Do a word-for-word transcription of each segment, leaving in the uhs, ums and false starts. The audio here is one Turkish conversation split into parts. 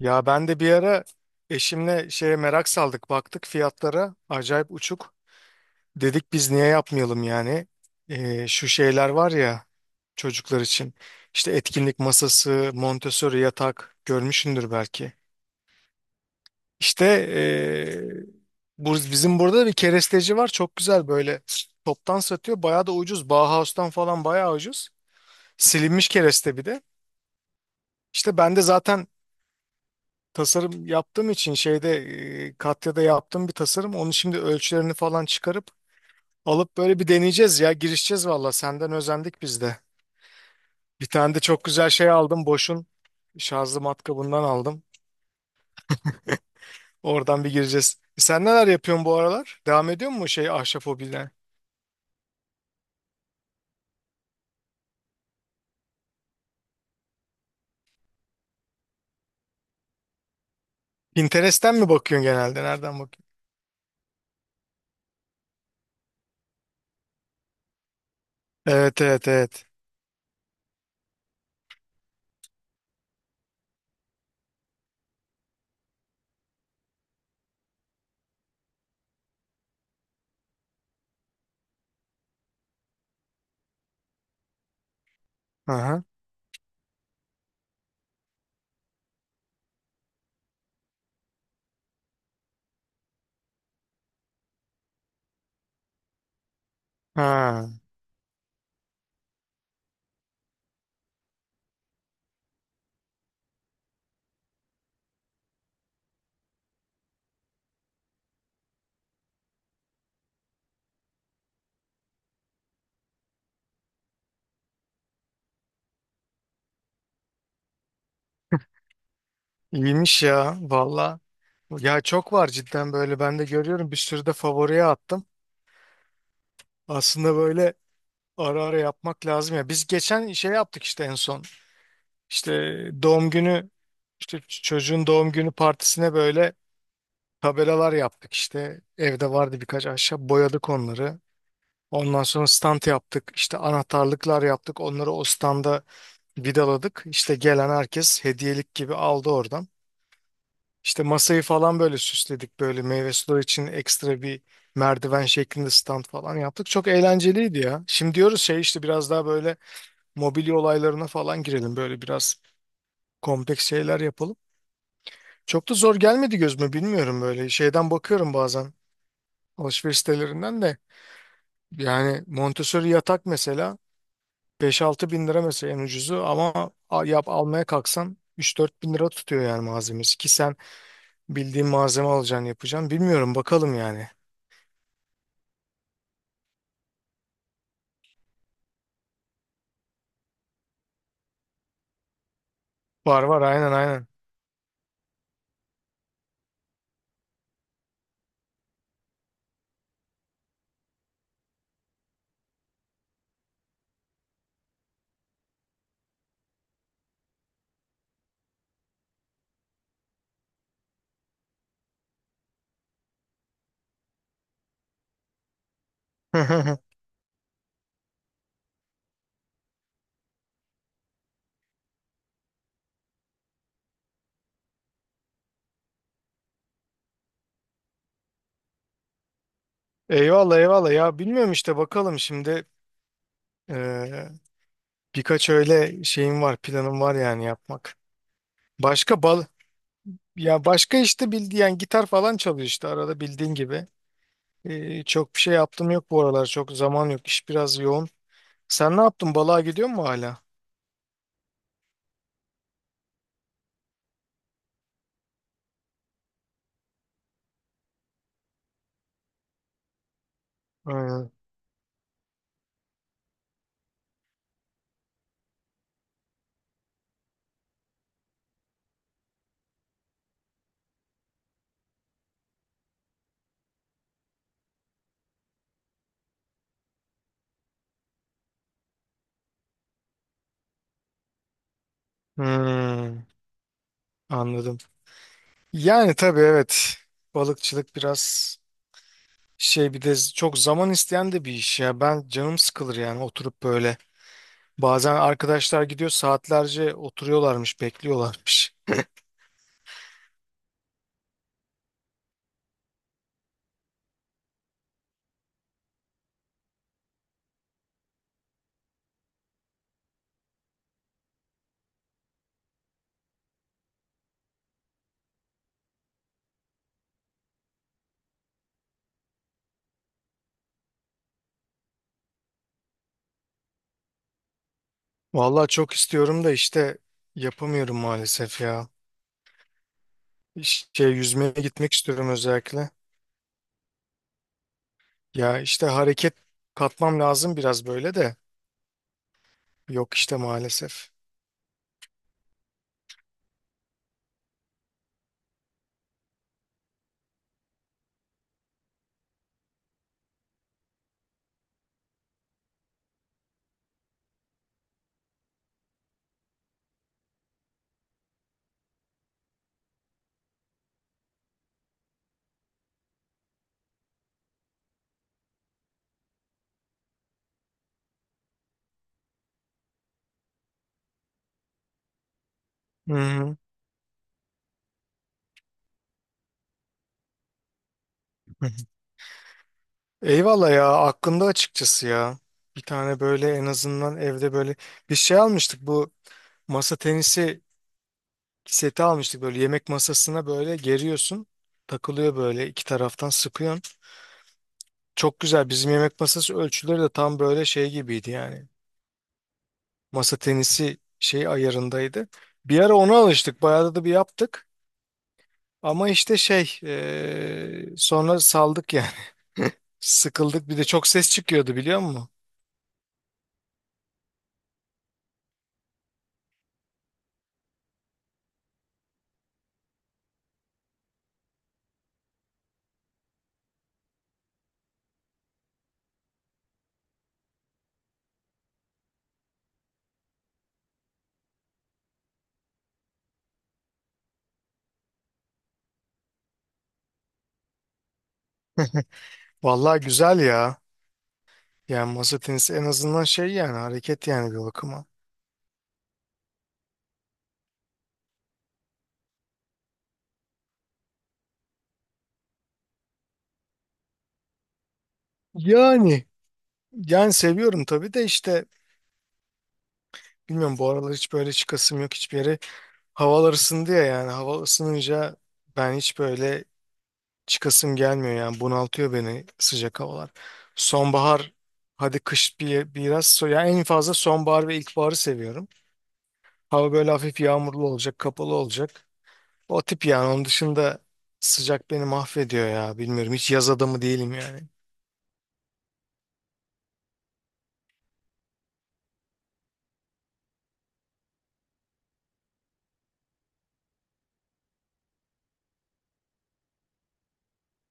Ya ben de bir ara eşimle şeye merak saldık. Baktık fiyatlara acayip uçuk. Dedik biz niye yapmayalım yani. Ee, şu şeyler var ya çocuklar için. İşte etkinlik masası, Montessori yatak görmüşsündür belki. İşte ee, bu, bizim burada bir keresteci var. Çok güzel böyle toptan satıyor. Bayağı da ucuz. Bauhaus'tan falan bayağı ucuz. Silinmiş kereste bir de. İşte ben de zaten tasarım yaptığım için şeyde e, Katya'da yaptığım bir tasarım. Onu şimdi ölçülerini falan çıkarıp alıp böyle bir deneyeceğiz ya. Girişeceğiz valla. Senden özendik biz de. Bir tane de çok güzel şey aldım. Boş'un şarjlı matkabından aldım. Oradan bir gireceğiz. E, sen neler yapıyorsun bu aralar? Devam ediyor mu şey ahşap hobine? Pinterest'ten mi bakıyorsun genelde? Nereden bakıyorsun? Evet, evet, evet. Aha. Ha. İyiymiş ya valla. Ya çok var cidden böyle ben de görüyorum bir sürü de favoriye attım. Aslında böyle ara ara yapmak lazım ya. Biz geçen şey yaptık işte en son. İşte doğum günü işte çocuğun doğum günü partisine böyle tabelalar yaptık işte. Evde vardı birkaç ahşap boyadık onları. Ondan sonra stand yaptık. İşte anahtarlıklar yaptık. Onları o standa vidaladık. İşte gelen herkes hediyelik gibi aldı oradan. İşte masayı falan böyle süsledik. Böyle meyve suları için ekstra bir merdiven şeklinde stand falan yaptık. Çok eğlenceliydi ya. Şimdi diyoruz şey işte biraz daha böyle mobilya olaylarına falan girelim. Böyle biraz kompleks şeyler yapalım. Çok da zor gelmedi gözüme bilmiyorum böyle. Şeyden bakıyorum bazen alışveriş sitelerinden de. Yani Montessori yatak mesela beş altı bin lira mesela en ucuzu ama al- yap almaya kalksan üç dört bin lira tutuyor yani malzemesi ki sen bildiğin malzeme alacaksın yapacaksın. Bilmiyorum bakalım yani. Var var aynen aynen. Eyvallah, eyvallah ya bilmiyorum işte bakalım şimdi eee, birkaç öyle şeyim var planım var yani yapmak. Başka bal ya başka işte bildiğin yani gitar falan çalıyor işte arada bildiğin gibi. Ee, çok bir şey yaptım yok bu aralar. Çok zaman yok. İş biraz yoğun. Sen ne yaptın? Balığa gidiyor mu hala? Hmm. Hmm, anladım. Yani tabii evet. Balıkçılık biraz şey bir de z- çok zaman isteyen de bir iş ya. Ben canım sıkılır yani oturup böyle. Bazen arkadaşlar gidiyor saatlerce oturuyorlarmış, bekliyorlarmış. Vallahi çok istiyorum da işte yapamıyorum maalesef ya. Şey yüzmeye gitmek istiyorum özellikle. Ya işte hareket katmam lazım biraz böyle de. Yok işte maalesef. Hı hı. Hı hı. Eyvallah ya aklımda açıkçası ya. Bir tane böyle en azından evde böyle bir şey almıştık bu masa tenisi seti almıştık böyle yemek masasına böyle geriyorsun. Takılıyor böyle iki taraftan sıkıyorsun. Çok güzel bizim yemek masası ölçüleri de tam böyle şey gibiydi yani. Masa tenisi şey ayarındaydı. Bir ara ona alıştık. Bayağı da bir yaptık. Ama işte şey eee, sonra saldık yani. Sıkıldık. Bir de çok ses çıkıyordu biliyor musun? Vallahi güzel ya. Yani masa tenisi en azından şey yani hareket yani bir bakıma. Yani yani seviyorum tabii de işte bilmiyorum bu aralar hiç böyle çıkasım yok hiçbir yere. Havalar ısındı ya yani hava ısınınca ben hiç böyle çıkasım gelmiyor yani bunaltıyor beni sıcak havalar. Sonbahar hadi kış bir, biraz so yani en fazla sonbahar ve ilkbaharı seviyorum. Hava böyle hafif yağmurlu olacak, kapalı olacak. O tip yani onun dışında sıcak beni mahvediyor ya bilmiyorum hiç yaz adamı değilim yani.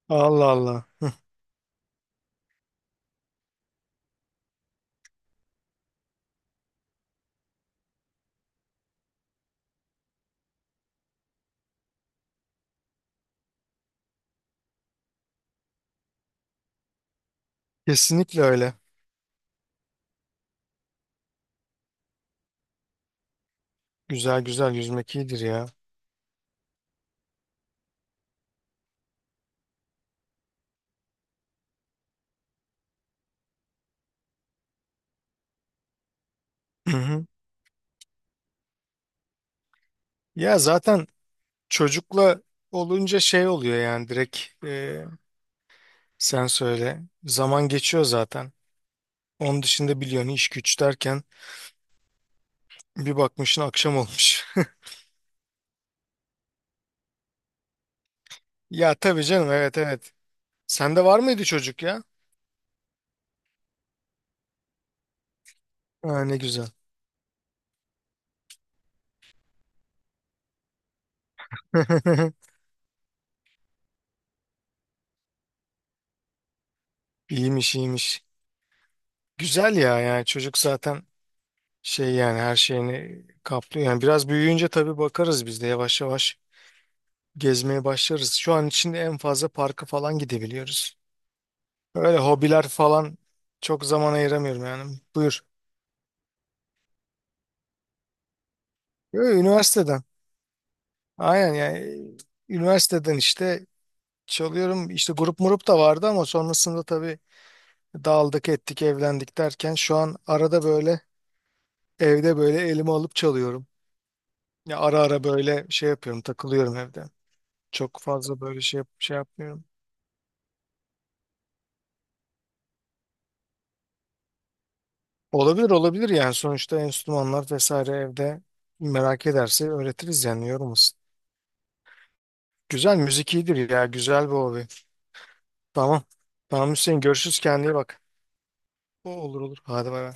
Allah Allah. Kesinlikle öyle. Güzel güzel, yüzmek iyidir ya. Hı hı. Ya zaten çocukla olunca şey oluyor yani direkt e, sen söyle. Zaman geçiyor zaten. Onun dışında biliyorsun iş güç derken bir bakmışsın akşam olmuş. Ya tabii canım, evet, evet. Sende var mıydı çocuk ya? Ha, ne güzel. İyiymiş, iyiymiş. Güzel ya yani çocuk zaten şey yani her şeyini kaplıyor. Yani biraz büyüyünce tabii bakarız biz de yavaş yavaş gezmeye başlarız. Şu an için en fazla parka falan gidebiliyoruz. Öyle hobiler falan çok zaman ayıramıyorum yani. Buyur. Yo, üniversiteden. Aynen yani üniversiteden işte çalıyorum. İşte grup murup da vardı ama sonrasında tabii dağıldık ettik evlendik derken şu an arada böyle evde böyle elime alıp çalıyorum. Ya ara ara böyle şey yapıyorum takılıyorum evde. Çok fazla böyle şey, yap- şey yapmıyorum. Olabilir, olabilir yani sonuçta enstrümanlar vesaire evde merak ederse öğretiriz yani yorulmasın. Güzel müzik iyidir ya, güzel bir hobi. Tamam. Tamam Hüseyin, görüşürüz, kendine iyi bak. O- Olur, olur, hadi bay bay.